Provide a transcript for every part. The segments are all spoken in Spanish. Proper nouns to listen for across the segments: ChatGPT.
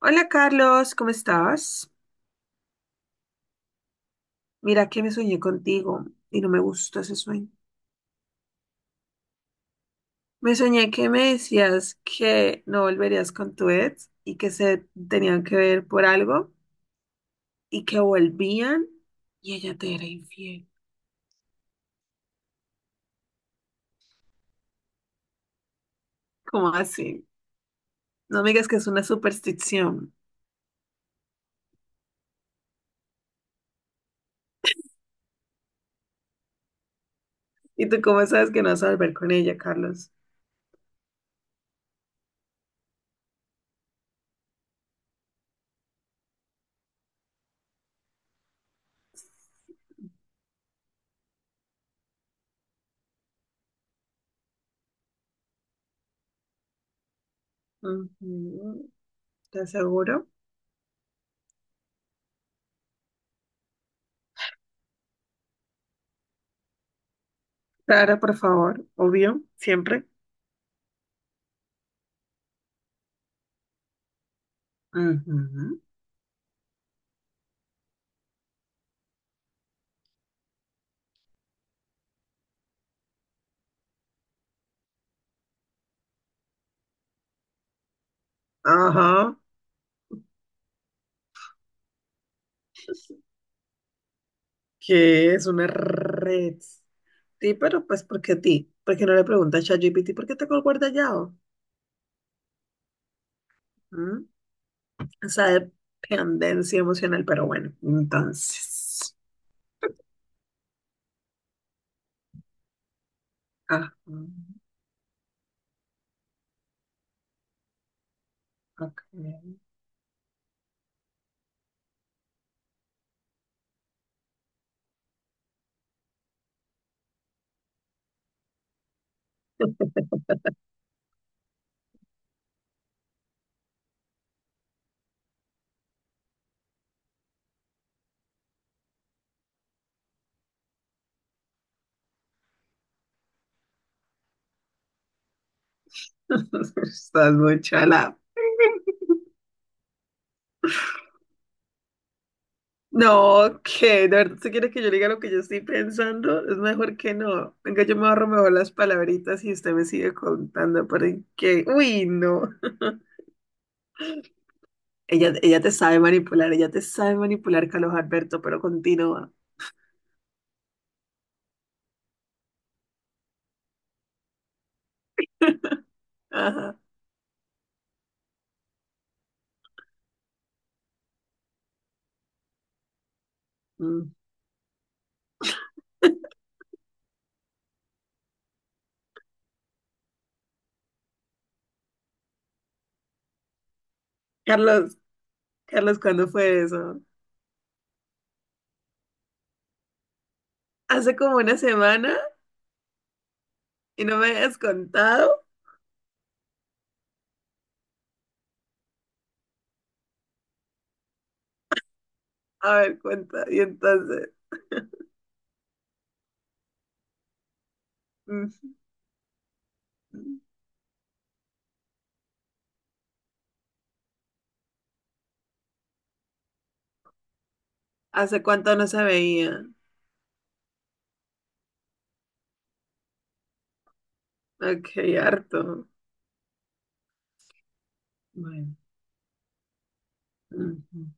Hola Carlos, ¿cómo estás? Mira que me soñé contigo y no me gustó ese sueño. Me soñé que me decías que no volverías con tu ex y que se tenían que ver por algo y que volvían y ella te era infiel. ¿Cómo así? No me digas que es una superstición. ¿Y tú cómo sabes que no vas a volver con ella, Carlos? Ujú. ¿Te aseguro? Claro, por favor, obvio, siempre. Ujú. Ajá. Que es una red. Sí, pero pues ¿por qué a ti? ¿Por qué no le preguntas a ChatGPT por qué te guarda Yao? ¿Mm? Esa dependencia emocional, pero bueno, entonces. Ajá, ok. Estás muy chala. No, que de verdad, si quieres que yo le diga lo que yo estoy pensando, es mejor que no. Venga, yo me ahorro mejor las palabritas y usted me sigue contando porque, uy, no. Ella te sabe manipular, ella te sabe manipular, Carlos Alberto, pero continúa. Ajá. Mm. Carlos, Carlos, ¿cuándo fue eso? Hace como una semana y no me has contado. A ver, cuenta. Y entonces, mm, mm. ¿Hace cuánto no se veía? Ok, harto. Bueno. Mm.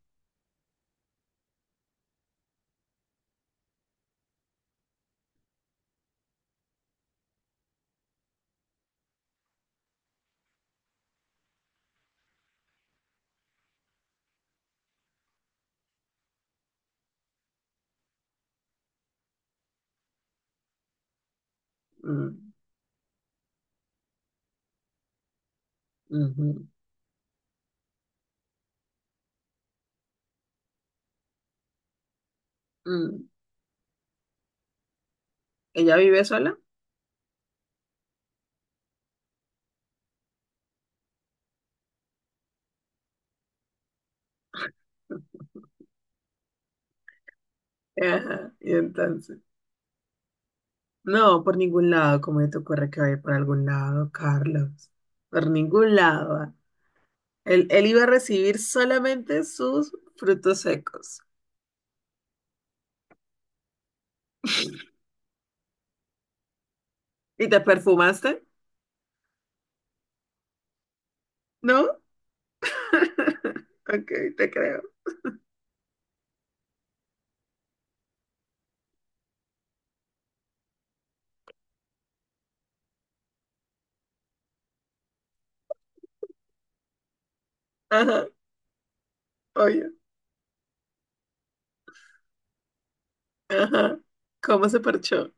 Mm. Mm. Mm. ¿Ella vive sola? Ajá. Y entonces, no, por ningún lado, como te ocurre que vaya por algún lado, Carlos. Por ningún lado va. Él iba a recibir solamente sus frutos secos. ¿Y te perfumaste? ¿No? Ok, te creo. Ajá, oye. Ajá. ¿Cómo se parchó?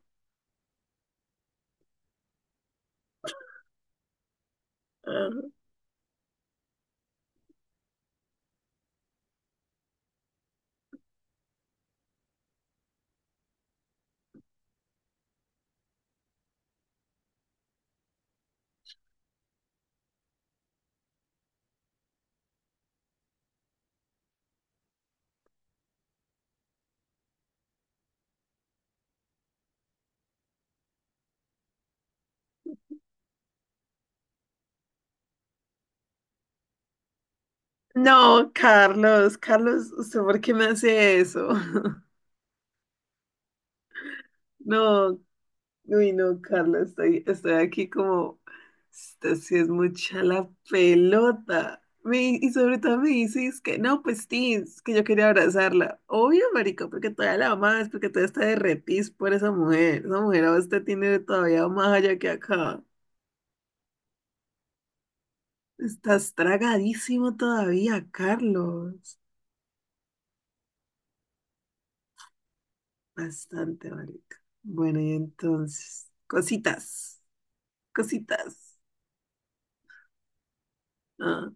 Ajá. No, Carlos, Carlos, ¿usted por qué me hace eso? No, uy, no, Carlos, estoy aquí como, esta sí es mucha la pelota. Y sobre todo me dices que no, pues sí, es que yo quería abrazarla. Obvio, marico, porque todavía la amas, porque todavía está derretís por esa mujer. Esa mujer a usted tiene todavía más allá que acá. Estás tragadísimo todavía, Carlos. Bastante, marica. Bueno, y entonces, cositas, cositas, ah,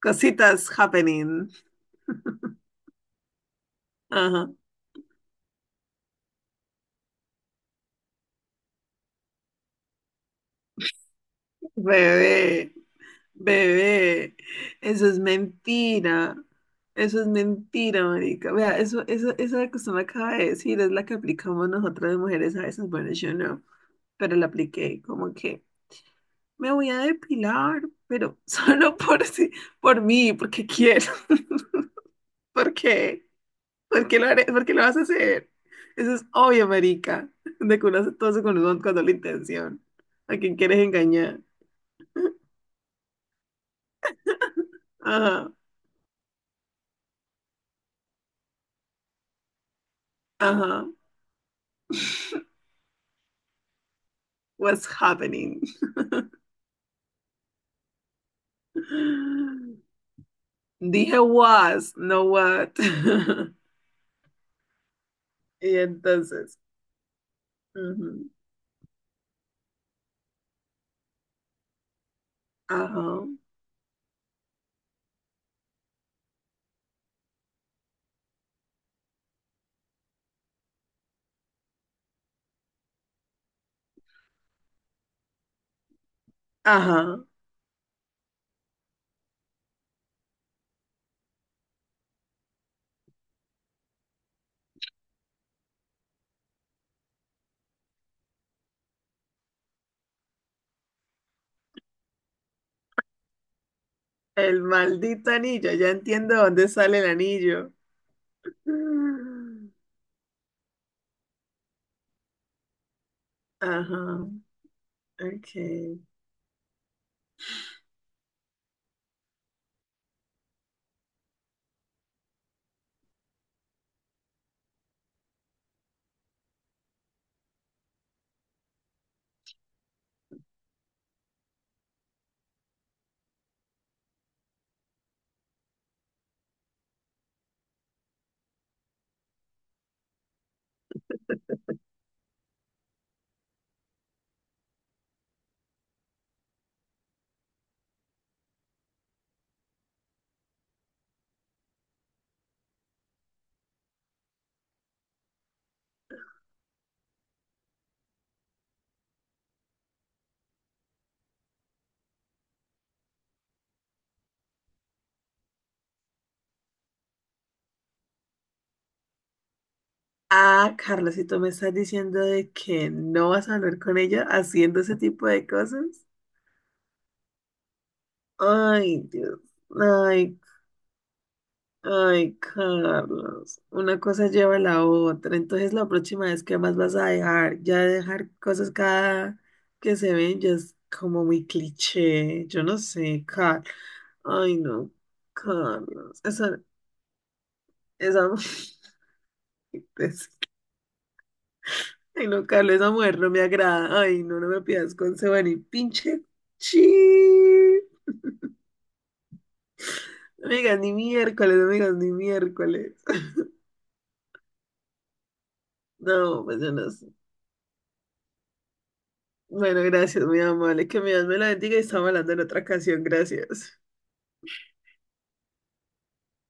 cositas happening. Ajá. Bebé, bebé, eso es mentira. Eso es mentira, marica. Vea, eso, esa que usted me acaba de decir es la que aplicamos nosotras de mujeres a veces. Bueno, yo no, pero la apliqué como que. Me voy a depilar, pero solo por, por mí, porque quiero. ¿Por qué? ¿Por qué lo haré? ¿Por qué lo vas a hacer? Eso es obvio, marica. De que uno hace todo eso con, con doble intención. ¿A quién quieres engañar? Ajá, ajá. What's happening? Dije was, no what. Y entonces, ujú, ajá, ajá. El maldito anillo, ya entiendo dónde sale el anillo. Ajá, ok. Ah, Carla, si tú me estás diciendo de que no vas a hablar con ella haciendo ese tipo de cosas. Ay, Dios. Ay, ay, Carlos. Una cosa lleva a la otra. Entonces, la próxima vez, ¿qué más vas a dejar? Ya dejar cosas cada que se ven ya es como muy cliché. Yo no sé, Carlos. Ay, no, Carlos. Esa, esa. Entonces, ay, no, Carlos, esa mujer no me agrada. Ay, no, no me pidas consejo ni pinche chi. No me digas ni miércoles, no me digas ni miércoles. No, pues yo no sé. Bueno, gracias, muy amable. Que mi Dios me la bendiga y estamos hablando en otra ocasión. Gracias.